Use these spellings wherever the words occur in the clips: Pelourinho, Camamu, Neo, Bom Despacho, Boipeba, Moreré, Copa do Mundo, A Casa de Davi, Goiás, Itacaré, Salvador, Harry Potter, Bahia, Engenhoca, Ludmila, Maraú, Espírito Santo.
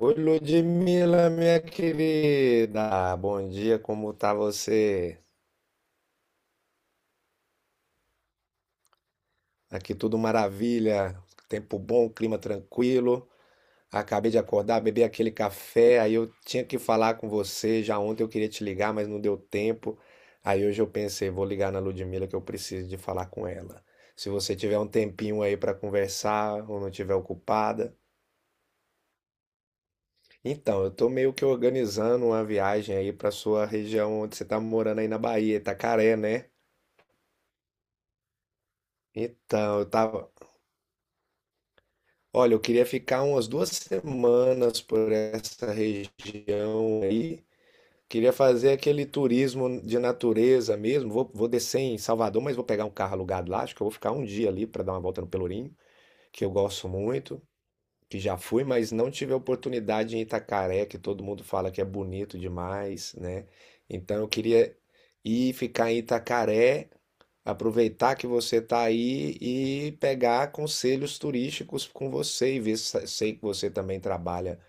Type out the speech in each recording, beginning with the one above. Oi, Ludmila, minha querida. Bom dia, como tá você? Aqui tudo maravilha, tempo bom, clima tranquilo. Acabei de acordar, bebi aquele café, aí eu tinha que falar com você. Já ontem eu queria te ligar, mas não deu tempo. Aí hoje eu pensei, vou ligar na Ludmila que eu preciso de falar com ela. Se você tiver um tempinho aí para conversar ou não tiver ocupada. Então, eu tô meio que organizando uma viagem aí para sua região onde você tá morando aí na Bahia, Itacaré, né? Então, eu tava. Olha, eu queria ficar umas 2 semanas por essa região aí. Queria fazer aquele turismo de natureza mesmo. Vou descer em Salvador, mas vou pegar um carro alugado lá. Acho que eu vou ficar um dia ali para dar uma volta no Pelourinho, que eu gosto muito, que já fui, mas não tive a oportunidade em Itacaré, que todo mundo fala que é bonito demais, né? Então eu queria ir ficar em Itacaré. Aproveitar que você está aí e pegar conselhos turísticos com você e ver, sei que você também trabalha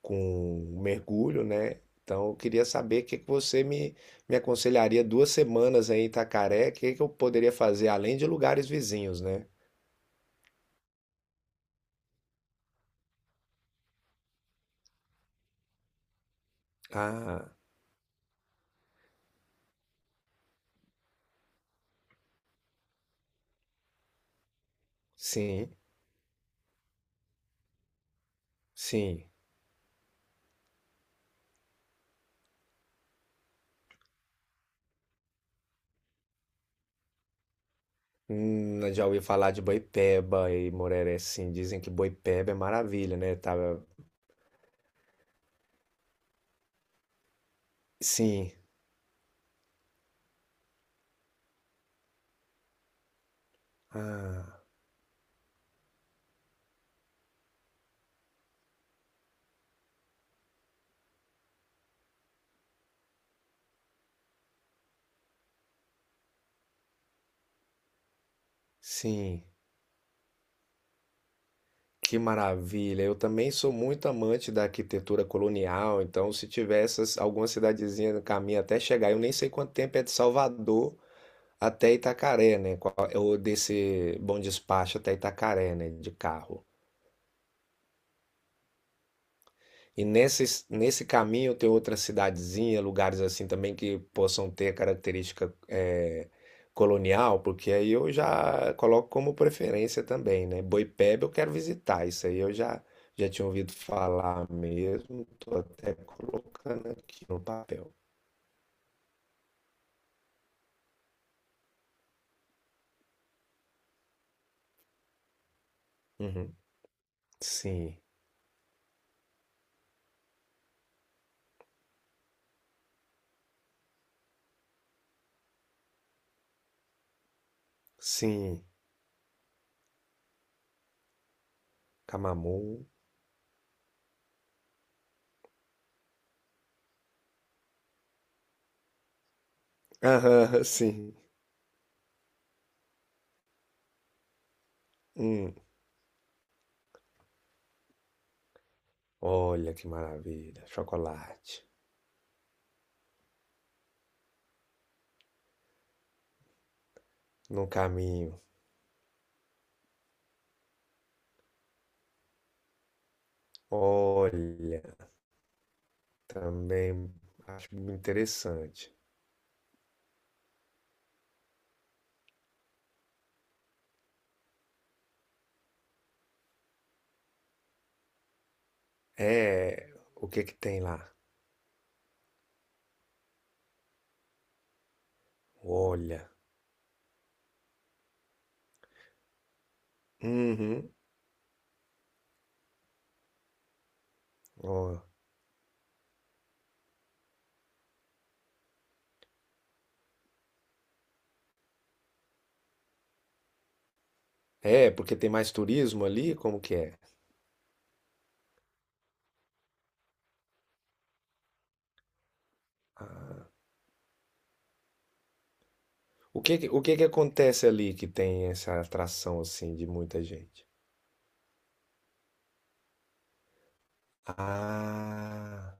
com mergulho, né? Então, eu queria saber o que que você me aconselharia 2 semanas aí em Itacaré, o que que eu poderia fazer além de lugares vizinhos, né? Ah, sim, sim. Já ouvi falar de Boipeba e Moreré, sim. Dizem que Boipeba é maravilha, né? Tava. Sim. Ah, sim. Que maravilha! Eu também sou muito amante da arquitetura colonial, então se tiver essas, alguma cidadezinha no caminho até chegar, eu nem sei quanto tempo é de Salvador até Itacaré, né? Qual- Ou desse Bom Despacho até Itacaré, né? De carro. E nesse caminho tem outra cidadezinha, lugares assim também que possam ter característica colonial, porque aí eu já coloco como preferência também, né? Boipeba eu quero visitar, isso aí eu já tinha ouvido falar mesmo, tô até colocando aqui no papel. Uhum. Sim, sim, Camamu. Aham, sim. Hum. Olha que maravilha, chocolate no caminho. Olha. Também acho interessante. É, o que que tem lá? Olha. Uhum. Ó. É, porque tem mais turismo ali? Como que é? O que que acontece ali que tem essa atração assim de muita gente? Ah,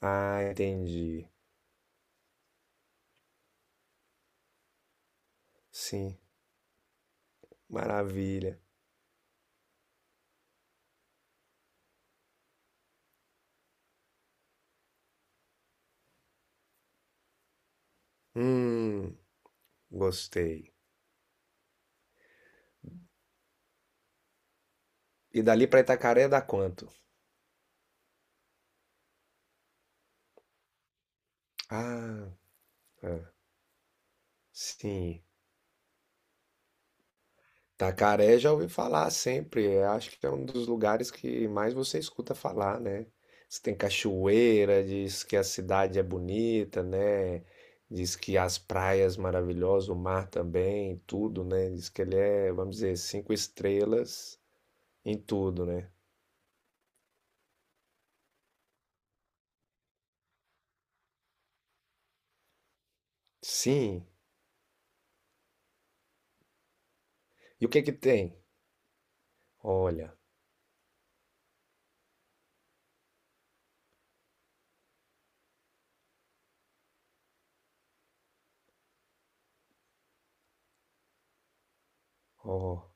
ah, entendi. Sim, maravilha. Hum, gostei. E dali pra Itacaré dá quanto? Ah, sim. Tacaré já ouvi falar sempre. Eu acho que é um dos lugares que mais você escuta falar, né? Você tem cachoeira, diz que a cidade é bonita, né? Diz que as praias maravilhosas, o mar também, tudo, né? Diz que ele é, vamos dizer, cinco estrelas em tudo, né? Sim. E o que que tem? Olha, ó.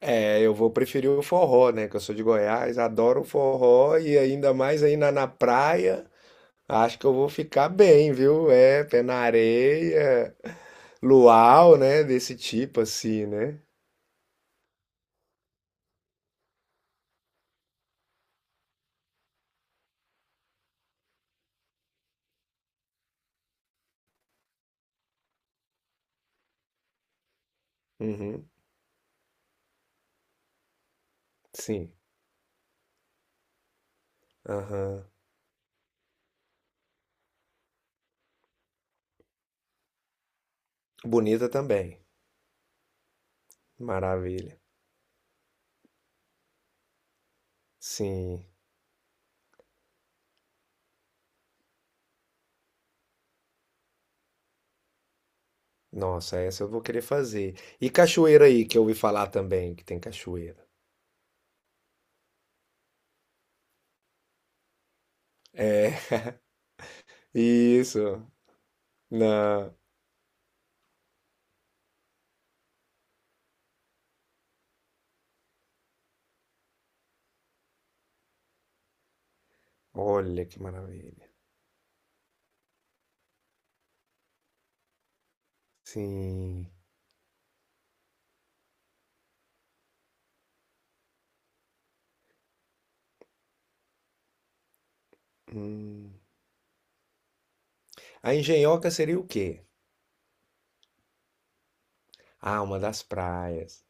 É, eu vou preferir o forró, né? Que eu sou de Goiás, adoro o forró e ainda mais aí na praia. Acho que eu vou ficar bem, viu? É, pé na areia, luau, né? Desse tipo assim, né? Uhum, sim. Aham. Bonita também. Maravilha. Sim. Nossa, essa eu vou querer fazer. E cachoeira aí, que eu ouvi falar também que tem cachoeira. É, isso. Na. Olha que maravilha. Sim. Hum. A Engenhoca seria o quê? Ah, uma das praias.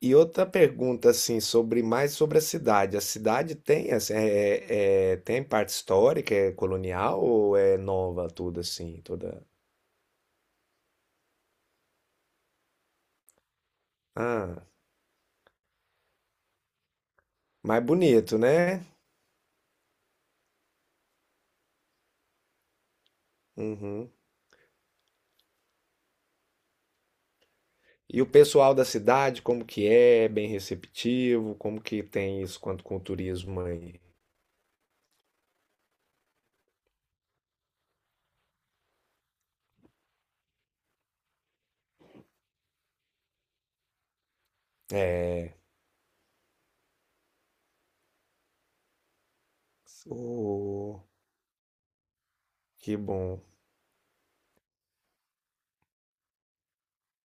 E outra pergunta, assim, sobre mais sobre a cidade. A cidade tem, assim, tem parte histórica, é colonial ou é nova tudo assim, toda? Ah, mais bonito, né? Uhum. E o pessoal da cidade, como que é? É bem receptivo? Como que tem isso quanto com o turismo aí? Oh, que bom.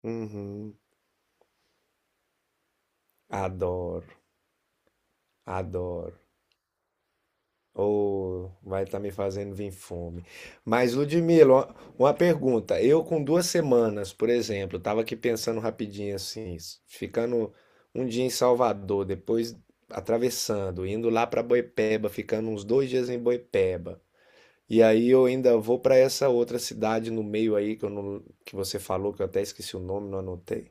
Uhum. Adoro, adoro. Ou vai estar me fazendo vir fome. Mas, Ludmila, uma pergunta. Eu, com 2 semanas, por exemplo, estava aqui pensando rapidinho assim, ficando um dia em Salvador, depois atravessando, indo lá para Boipeba, ficando uns 2 dias em Boipeba. E aí eu ainda vou para essa outra cidade no meio aí, que, eu não, que você falou, que eu até esqueci o nome, não anotei.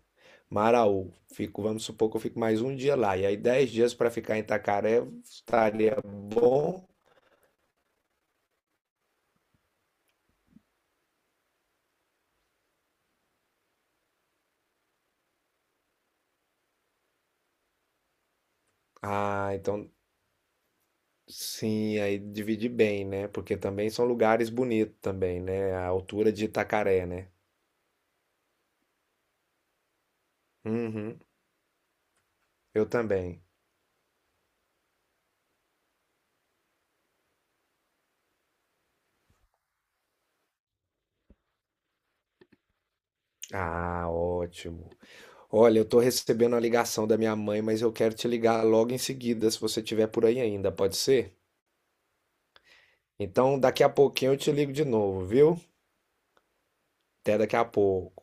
Maraú. Fico, vamos supor que eu fico mais um dia lá. E aí, 10 dias para ficar em Itacaré estaria bom. Ah, então sim, aí divide bem, né? Porque também são lugares bonitos também, né? A altura de Itacaré, né? Uhum, eu também. Ah, ótimo. Olha, eu tô recebendo a ligação da minha mãe, mas eu quero te ligar logo em seguida, se você estiver por aí ainda, pode ser? Então, daqui a pouquinho eu te ligo de novo, viu? Até daqui a pouco.